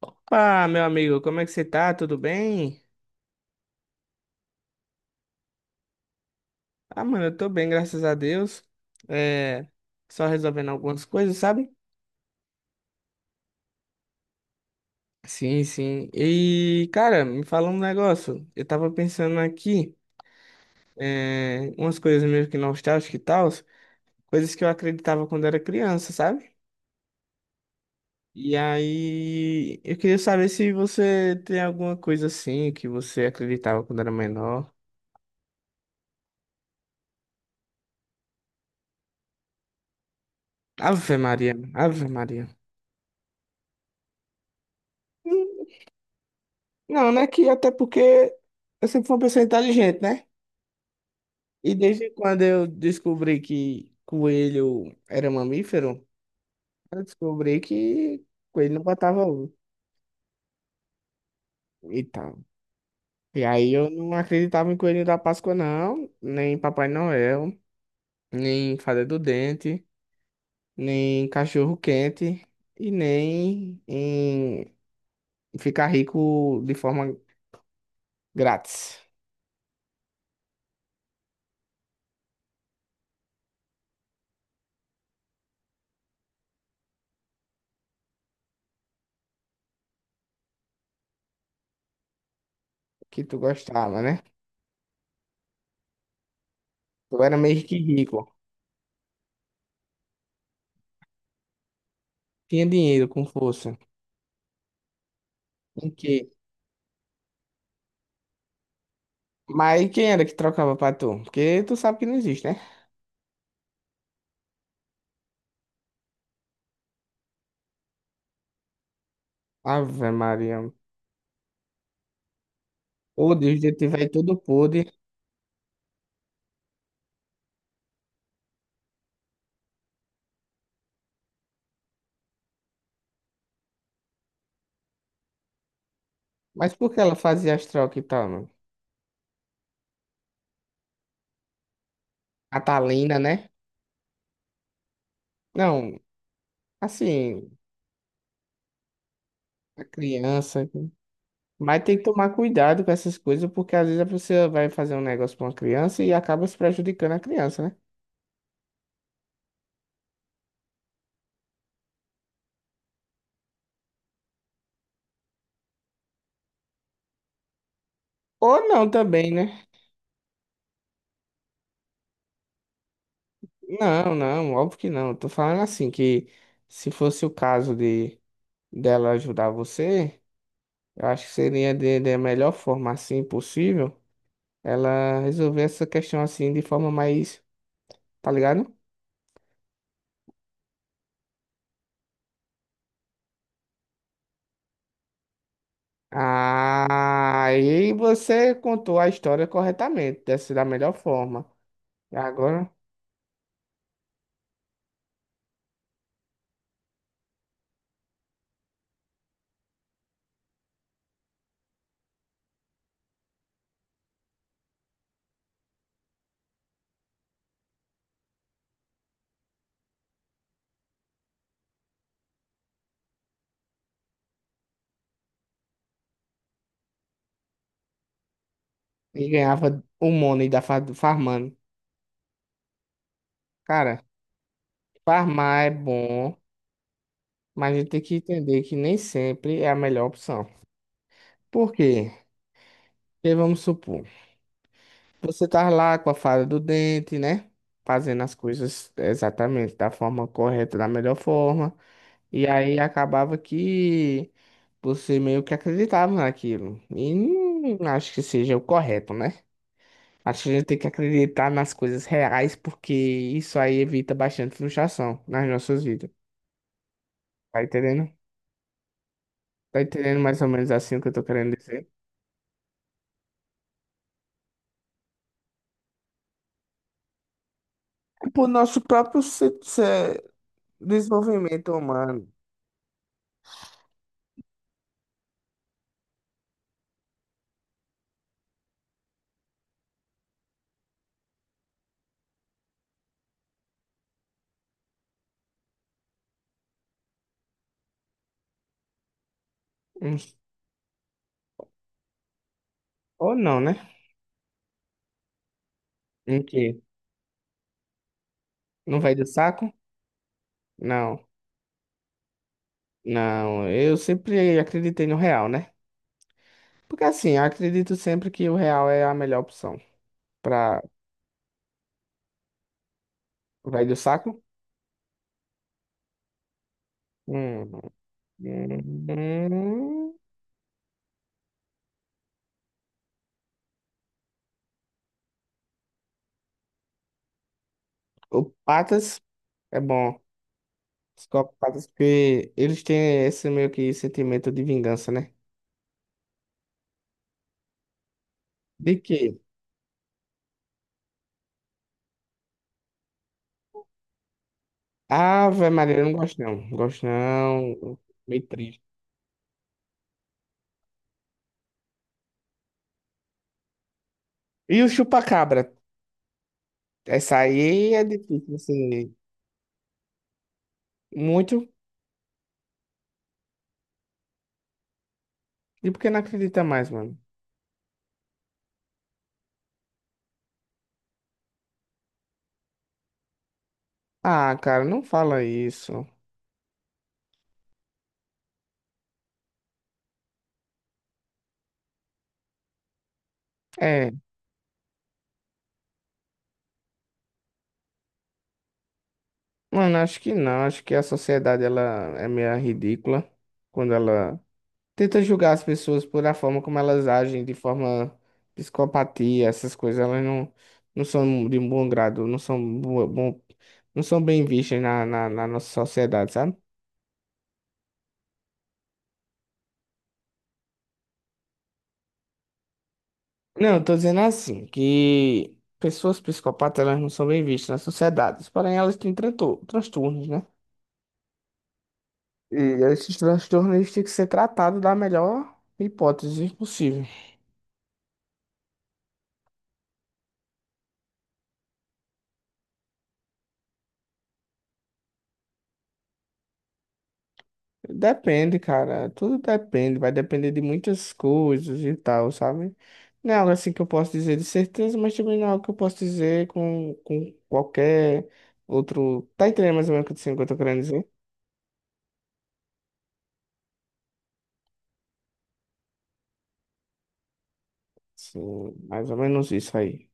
Opa, meu amigo, como é que você tá? Tudo bem? Ah, mano, eu tô bem, graças a Deus. É, só resolvendo algumas coisas, sabe? Sim, sim. E, cara, me fala um negócio. Eu tava pensando aqui, umas coisas meio que nostálgicas e tal, coisas que eu acreditava quando era criança, sabe? E aí, eu queria saber se você tem alguma coisa assim que você acreditava quando era menor. Ave Maria, Ave Maria. Não, né? Que até porque eu sempre fui uma pessoa inteligente, né? E desde quando eu descobri que coelho era mamífero, eu descobri que coelho não botava ovo e tal. E aí eu não acreditava em coelho da Páscoa, não, nem em Papai Noel, nem em fada do dente, nem em cachorro quente e nem em ficar rico de forma grátis, que tu gostava, né? Tu era meio que rico, tinha dinheiro com força. Ok. Mas quem era que trocava pra tu? Porque tu sabe que não existe, né? Ave Maria. O Deus, detetive aí tudo podre. Mas por que ela fazia as trocas e tal, mano? Catalina, né? Não, assim, a criança. Mas tem que tomar cuidado com essas coisas, porque às vezes a pessoa vai fazer um negócio pra uma criança e acaba se prejudicando a criança, né? Ou não também, né? Não, não, óbvio que não. Tô falando assim, que se fosse o caso de dela ajudar você. Eu acho que seria de melhor forma assim possível ela resolver essa questão assim de forma mais, tá ligado? Ah, aí você contou a história corretamente, dessa da melhor forma. E agora, e ganhava o money da farmando. Cara, farmar é bom, mas a gente tem que entender que nem sempre é a melhor opção. Por quê? Porque vamos supor, você tá lá com a fada do dente, né? Fazendo as coisas exatamente da forma correta, da melhor forma. E aí acabava que você meio que acreditava naquilo. E não acho que seja o correto, né? Acho que a gente tem que acreditar nas coisas reais, porque isso aí evita bastante frustração nas nossas vidas. Tá entendendo? Tá entendendo mais ou menos assim o que eu tô querendo dizer? É por nosso próprio desenvolvimento humano. Hum, Ou não, né? Em quê? Não vai do saco? Não. Não, eu sempre acreditei no real, né? Porque assim, eu acredito sempre que o real é a melhor opção. Pra vai do saco? Hum, hum, hum. O Patas é bom. Os patas porque eles têm esse meio que sentimento de vingança, né? De quê? Ave Maria, eu não gosto não. Gosto não. Meio triste. E o chupa-cabra? Essa aí é difícil, assim. Muito. E porque não acredita mais, mano? Ah, cara, não fala isso. É, mano, acho que não. Acho que a sociedade ela é meio ridícula quando ela tenta julgar as pessoas por a forma como elas agem, de forma psicopatia, essas coisas. Elas não, não são de um bom grado, bom, não são bem vistas na nossa sociedade, sabe? Não, eu tô dizendo assim, que pessoas psicopatas elas não são bem vistas na sociedade, porém elas têm transtornos, né? E esses transtornos eles têm que ser tratados da melhor hipótese possível. Depende, cara. Tudo depende. Vai depender de muitas coisas e tal, sabe? Não é algo assim que eu posso dizer de certeza, mas também não é algo que eu posso dizer com qualquer outro. Tá entendendo mais ou menos o que o que eu tô querendo dizer? Sim, mais ou menos isso aí.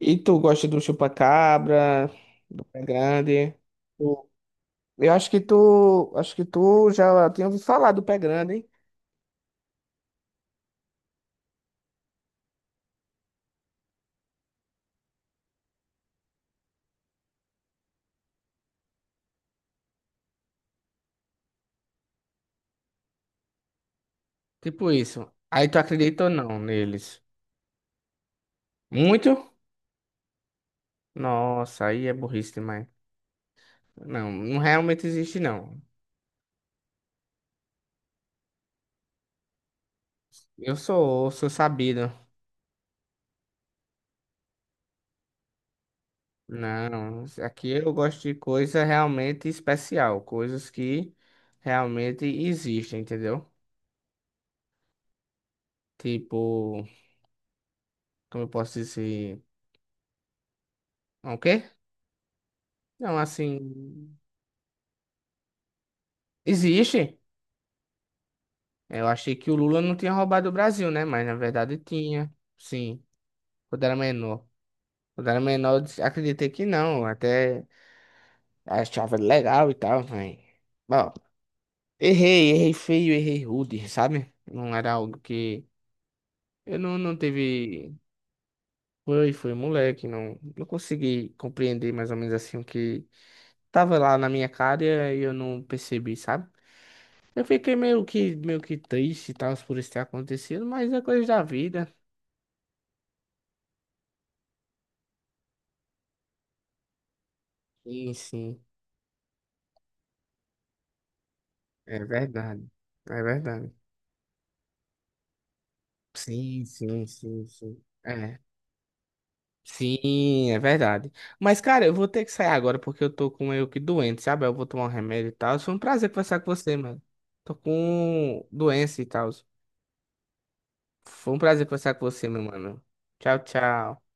E tu gosta do chupa-cabra, do pé grande? Tu- eu acho que tu já tinha ouvido falar do pé grande, hein? Tipo isso. Aí tu acredita ou não neles? Muito? Nossa, aí é burrice demais. Não, não realmente existe, não. Eu sou, sou sabido. Não, aqui eu gosto de coisa realmente especial, coisas que realmente existem, entendeu? Tipo, como eu posso dizer? É, o quê? Não, assim, existe. Eu achei que o Lula não tinha roubado o Brasil, né? Mas na verdade tinha, sim, quando era menor. Quando era menor, acreditei que não, até achava legal e tal, mas... Bom, errei, errei feio, errei rude, sabe? Não era algo que eu não, não teve. Foi, foi moleque, não, não consegui compreender mais ou menos assim o que tava lá na minha cara e eu não percebi, sabe? Eu fiquei meio que triste e tal por isso ter acontecido, mas é coisa da vida. Sim, sim, é verdade, é verdade. Sim, sim, sim, sim. É. Sim, é verdade. Mas, cara, eu vou ter que sair agora porque eu tô com meio que doente, sabe? Eu vou tomar um remédio e tal. Foi um prazer conversar com você, mano. Tô com doença e tal. Foi um prazer conversar com você, meu mano. Tchau, tchau.